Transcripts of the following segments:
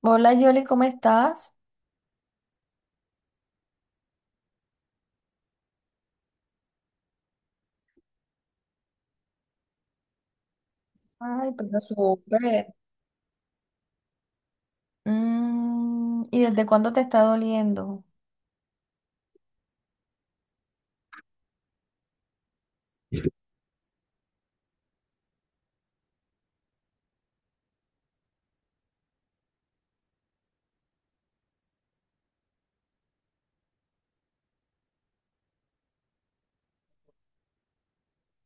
Hola Yoli, ¿cómo estás? Ay, pero súper. Mm, ¿y desde cuándo te está doliendo?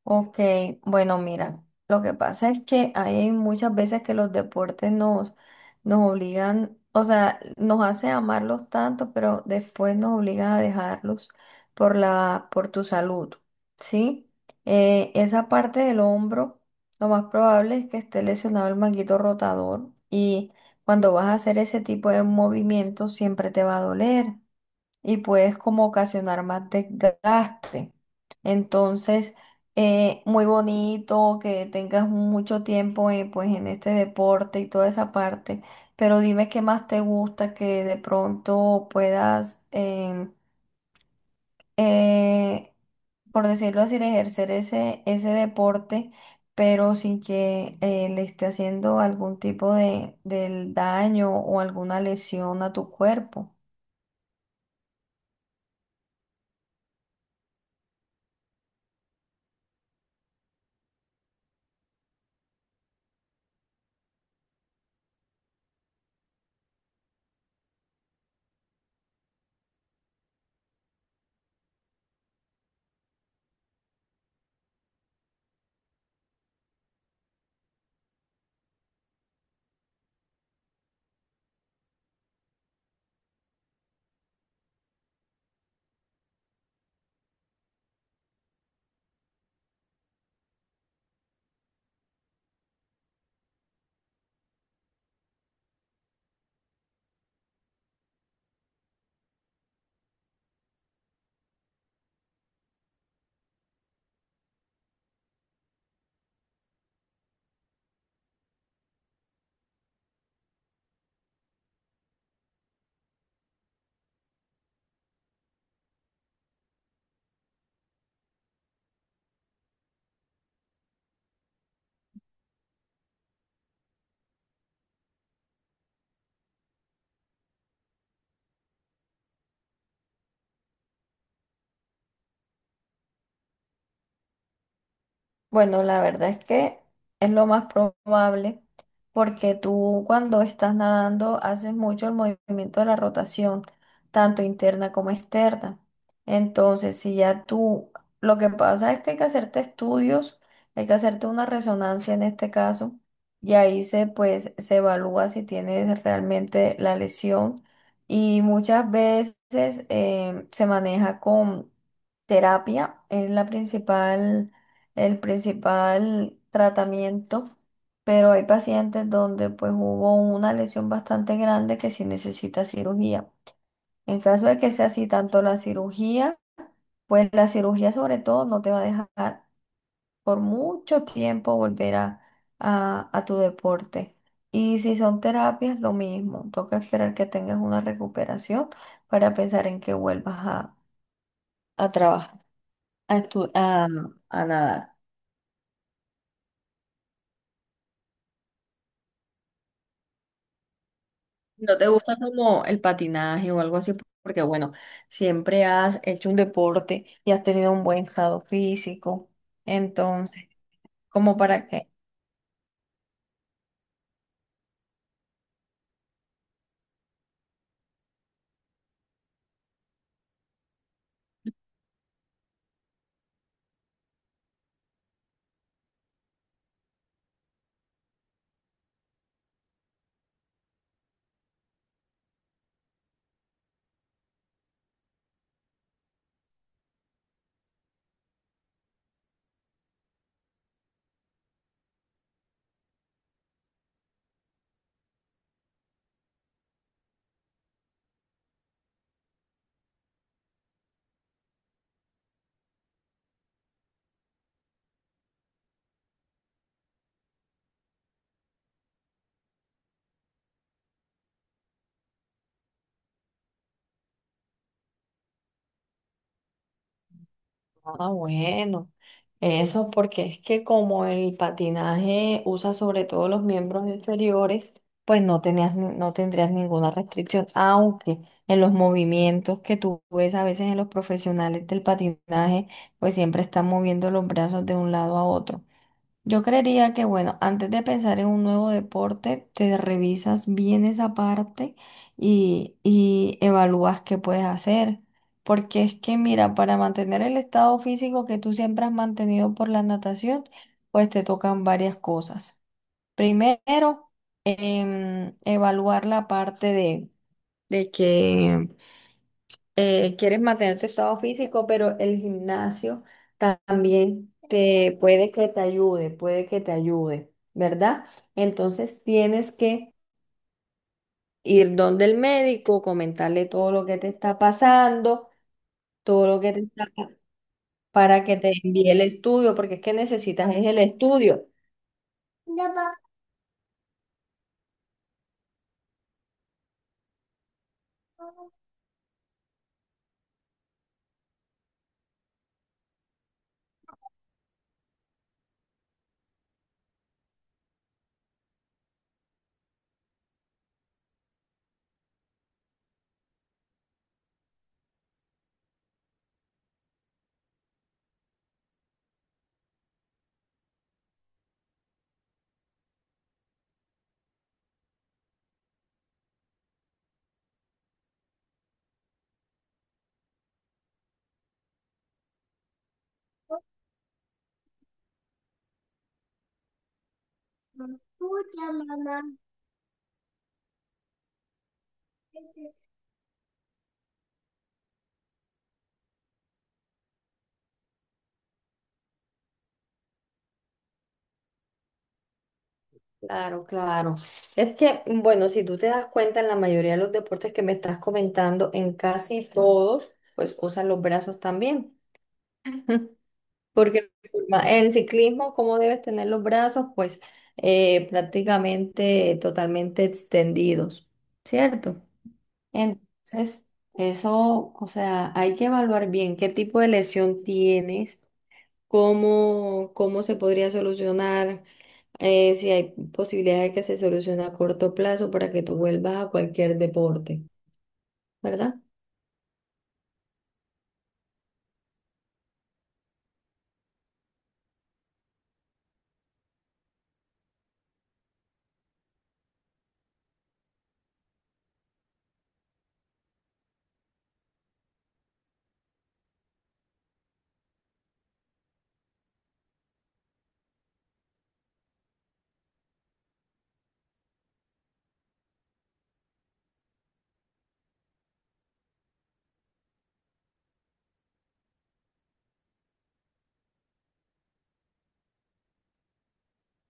Ok, bueno, mira, lo que pasa es que hay muchas veces que los deportes nos obligan, o sea, nos hace amarlos tanto, pero después nos obligan a dejarlos por tu salud, ¿sí? Esa parte del hombro, lo más probable es que esté lesionado el manguito rotador y cuando vas a hacer ese tipo de movimientos siempre te va a doler y puedes como ocasionar más desgaste. Entonces, muy bonito que tengas mucho tiempo pues en este deporte y toda esa parte, pero dime qué más te gusta que de pronto puedas, eh, por decirlo así, ejercer ese deporte, pero sin que le esté haciendo algún tipo del daño o alguna lesión a tu cuerpo. Bueno, la verdad es que es lo más probable porque tú cuando estás nadando haces mucho el movimiento de la rotación, tanto interna como externa. Entonces, si ya tú, lo que pasa es que hay que hacerte estudios, hay que hacerte una resonancia en este caso y ahí se pues se evalúa si tienes realmente la lesión y muchas veces se maneja con terapia, es la principal el principal tratamiento, pero hay pacientes donde pues hubo una lesión bastante grande que sí necesita cirugía. En caso de que sea así, tanto la cirugía, pues la cirugía sobre todo no te va a dejar por mucho tiempo a tu deporte. Y si son terapias, lo mismo. Toca esperar que tengas una recuperación para pensar en que a trabajar, a, estu- a nadar. ¿No te gusta como el patinaje o algo así? Porque bueno, siempre has hecho un deporte y has tenido un buen estado físico. Entonces, ¿como para qué? Ah, bueno, eso porque es que como el patinaje usa sobre todo los miembros inferiores, pues no tenías, ni- no tendrías ninguna restricción, aunque en los movimientos que tú ves a veces en los profesionales del patinaje, pues siempre están moviendo los brazos de un lado a otro. Yo creería que, bueno, antes de pensar en un nuevo deporte, te revisas bien esa parte y evalúas qué puedes hacer. Porque es que, mira, para mantener el estado físico que tú siempre has mantenido por la natación, pues te tocan varias cosas. Primero, evaluar la parte de que quieres mantener tu estado físico, pero el gimnasio también te puede que te ayude, puede que te ayude, ¿verdad? Entonces tienes que ir donde el médico, comentarle todo lo que te está pasando, todo lo que te está para que te envíe el estudio, porque es que necesitas es el estudio. Claro, claro. Es que, mm, bueno, si tú te das cuenta, en la mayoría de los deportes que me estás comentando, en casi todos, pues usan los brazos también. Porque en ciclismo, ¿cómo debes tener los brazos? Pues prácticamente totalmente extendidos, ¿cierto? Entonces, eso, o sea, hay que evaluar bien qué tipo de lesión tienes cómo se podría solucionar, si hay posibilidad de que se solucione a corto plazo para que tú vuelvas a cualquier deporte, ¿verdad?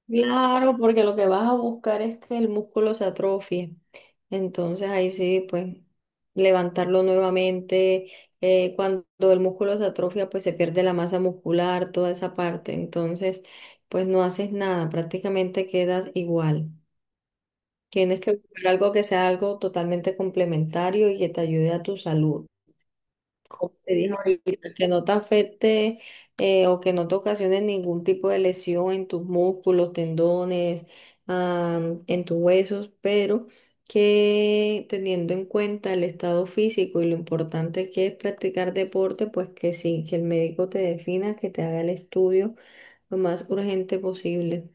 Claro, porque lo que vas a buscar es que el músculo se atrofie. Entonces ahí sí, pues levantarlo nuevamente. Cuando el músculo se atrofia, pues se pierde la masa muscular, toda esa parte. Entonces, pues no haces nada, prácticamente quedas igual. Tienes que buscar algo que sea algo totalmente complementario y que te ayude a tu salud. Como te dije ahorita, que no te afecte o que no te ocasione ningún tipo de lesión en tus músculos, tendones, en tus huesos, pero que teniendo en cuenta el estado físico y lo importante que es practicar deporte, pues que sí, que el médico te defina, que te haga el estudio lo más urgente posible.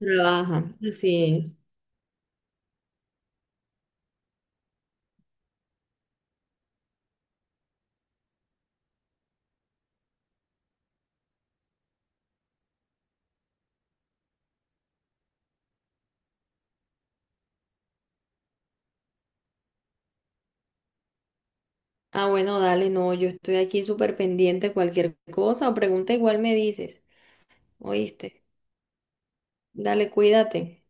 Trabaja, así es. Ah, bueno, dale, no, yo estoy aquí súper pendiente de cualquier cosa o pregunta igual me dices, ¿oíste? Dale, cuídate.